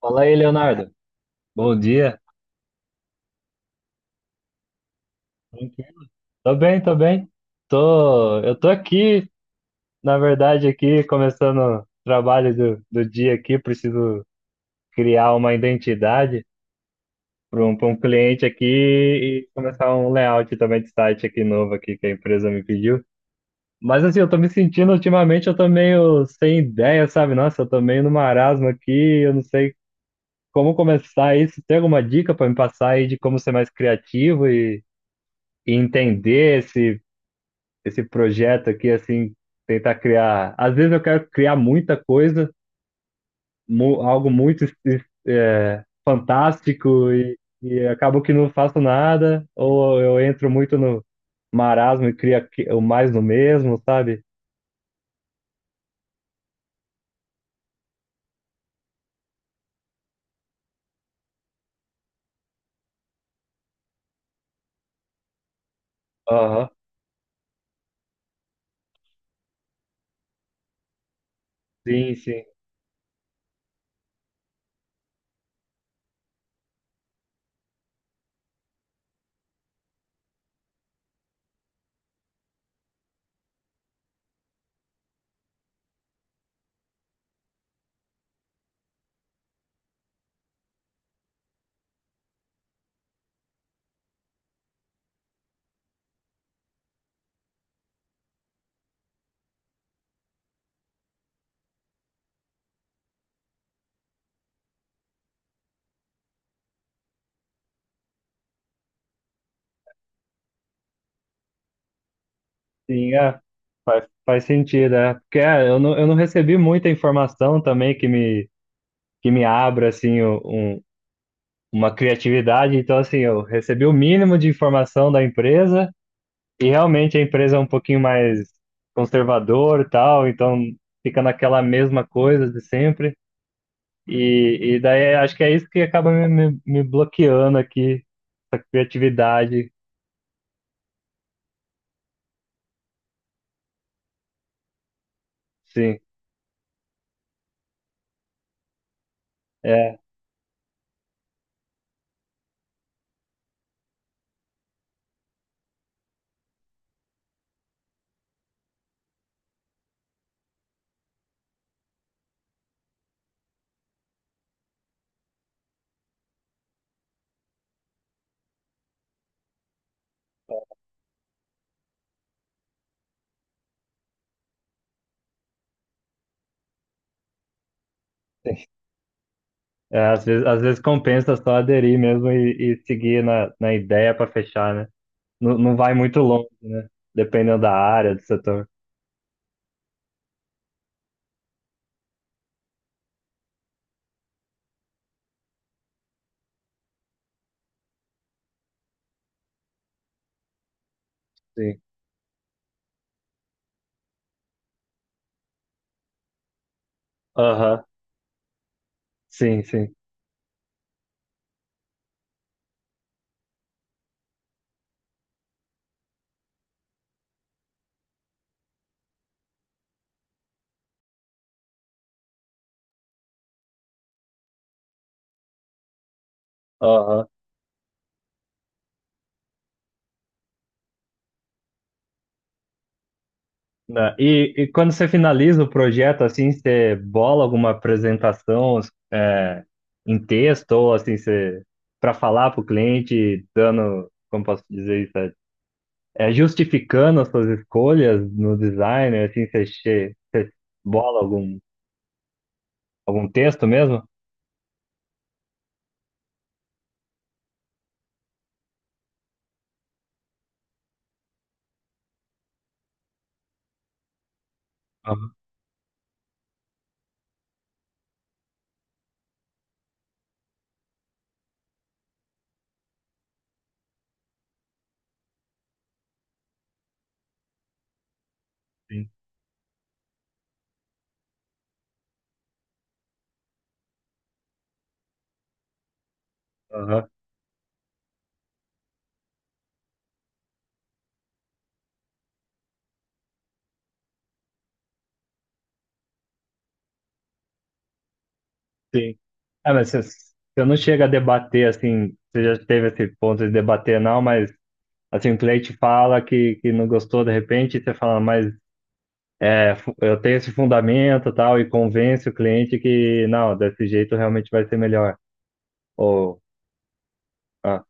Fala aí, Leonardo. Bom dia. Bom dia. Tô bem. Eu tô aqui, na verdade, aqui, começando o trabalho do dia aqui. Preciso criar uma identidade para um cliente aqui e começar um layout também de site aqui novo aqui que a empresa me pediu. Mas assim, eu tô me sentindo ultimamente, eu tô meio sem ideia, sabe? Nossa, eu tô meio no marasmo aqui, eu não sei como começar isso. Tem alguma dica para me passar aí de como ser mais criativo e entender esse projeto aqui, assim, tentar criar. Às vezes eu quero criar muita coisa, algo muito é, fantástico e acabo que não faço nada, ou eu entro muito no marasmo e o mais no mesmo, sabe? Aham. Sim, sim, sim, é. Faz sentido, é. Porque é, eu não recebi muita informação também que me abra, assim, uma criatividade. Então, assim, eu recebi o mínimo de informação da empresa. E realmente a empresa é um pouquinho mais conservador e tal, então fica naquela mesma coisa de sempre. E daí acho que é isso que acaba me bloqueando aqui, a criatividade. Sim, é, é, às vezes compensa só aderir mesmo e seguir na ideia para fechar, né? Não, não vai muito longe, né? Dependendo da área, do setor. Sim. Aham. Sim, sim. Aham. Né? E quando você finaliza o projeto, assim, você bola alguma apresentação é, em texto, ou assim, você para falar para o cliente, dando, como posso dizer isso, é, é, justificando as suas escolhas no design, assim, você, você bola algum, algum texto mesmo? Aham, sim. Aham, sim. É, mas você não chega a debater, assim, você já teve esse ponto de debater, não, mas assim, o cliente fala que não gostou de repente, e você fala, mas é, eu tenho esse fundamento e tal, e convence o cliente que, não, desse jeito realmente vai ser melhor. Ou, ah,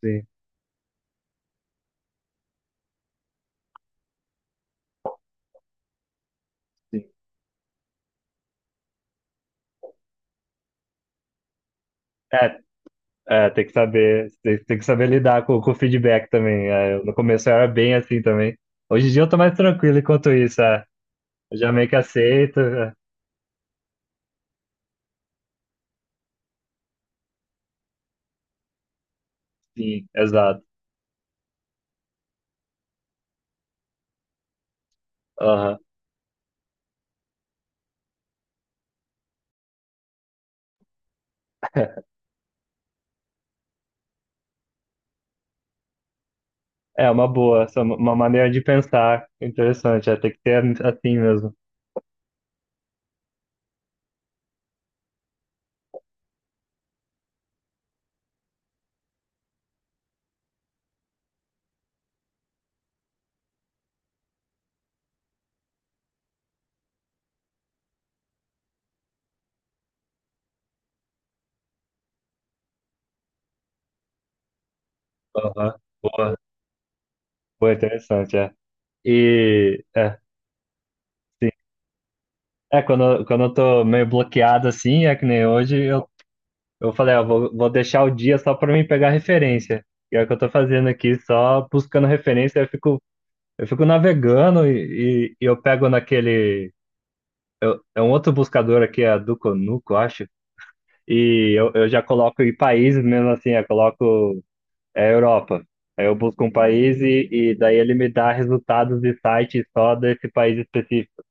sim, sim. É, é, tem que saber lidar com o feedback também. É, eu, no começo eu era bem assim também. Hoje em dia eu tô mais tranquilo enquanto isso, é. Eu já meio que aceito. É. Sim, exato. Aham. É uma boa, essa é uma maneira de pensar interessante, é, tem que ser assim mesmo. Aham. Boa, boa, interessante, é. E, é. É, quando eu tô meio bloqueado assim, é que nem hoje, eu falei, ó, vou, vou deixar o dia só pra mim pegar referência. E é o que eu tô fazendo aqui, só buscando referência, eu fico navegando e eu pego naquele. Eu- é um outro buscador aqui, é do Conuco, eu acho. Eu já coloco em países mesmo assim, eu coloco é, Europa. Aí eu busco um país e daí ele me dá resultados de sites só desse país específico.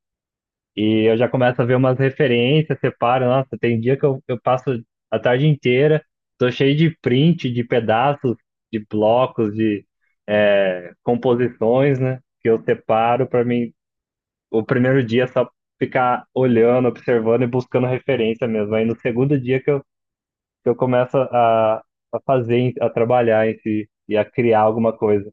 E eu já começo a ver umas referências, separo, nossa, tem dia que eu passo a tarde inteira, tô cheio de print, de pedaços, de blocos, de é, composições, né? Que eu separo para mim, o primeiro dia é só ficar olhando, observando e buscando referência mesmo. Aí no segundo dia que eu começo a fazer, a trabalhar em si e a criar alguma coisa.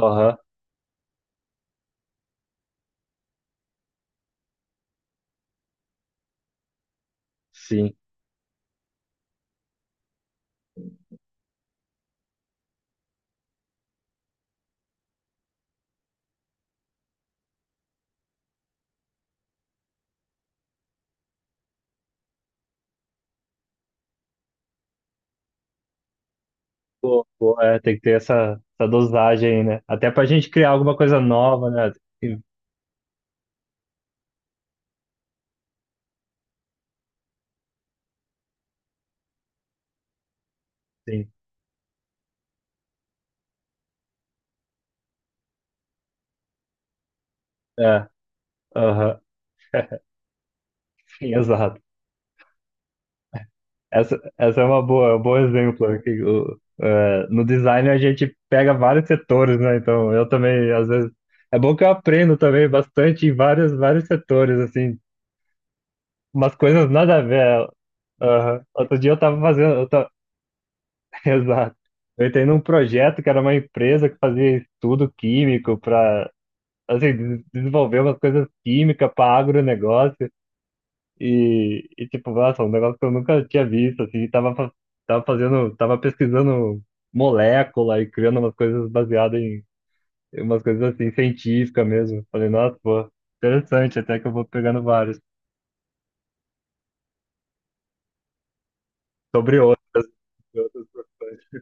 Aham, sim. Pô, pô, é, tem que ter essa, essa dosagem, aí, né? Até pra gente criar alguma coisa nova, né? Sim, sim. É, aham, sim, exato. Essa é uma boa, é um bom exemplo. É, no design a gente pega vários setores, né? Então eu também, às vezes. É bom que eu aprendo também bastante em vários, vários setores, assim, umas coisas nada a ver. Aham. Outro dia eu tava fazendo. Eu tava... Exato. Eu entrei num projeto que era uma empresa que fazia estudo químico para assim, desenvolver umas coisas químicas para agronegócio e tipo, nossa, um negócio que eu nunca tinha visto, assim, tava, tava fazendo, tava pesquisando molécula e criando umas coisas baseadas em, em umas coisas assim, científicas mesmo. Falei, nossa, pô, interessante, até que eu vou pegando vários, sobre outras, sobre outras profissões,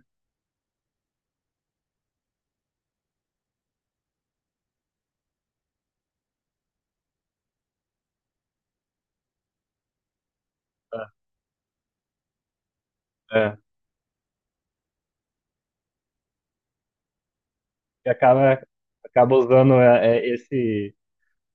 tá? É, e acaba, acaba usando é, é, esse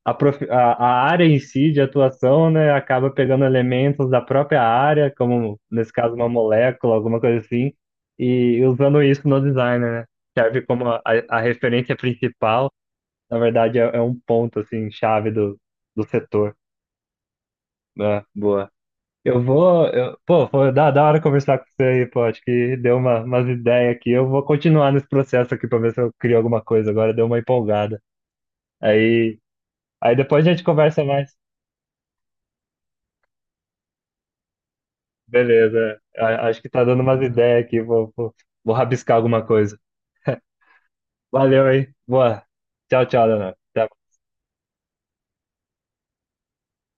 a área em si de atuação, né, acaba pegando elementos da própria área, como nesse caso uma molécula, alguma coisa assim, e usando isso no design, né? Serve como a referência principal, na verdade é, é um ponto assim chave do setor. Ah, boa. Pô, foi da hora conversar com você aí, pô, acho que deu umas ideias aqui. Eu vou continuar nesse processo aqui para ver se eu crio alguma coisa agora, deu uma empolgada. Aí, aí depois a gente conversa mais. Beleza. Acho que tá dando umas ideias aqui. Vou, vou, vou rabiscar alguma coisa. Valeu, hein? Boa. Tchau, tchau, Leonardo. Até.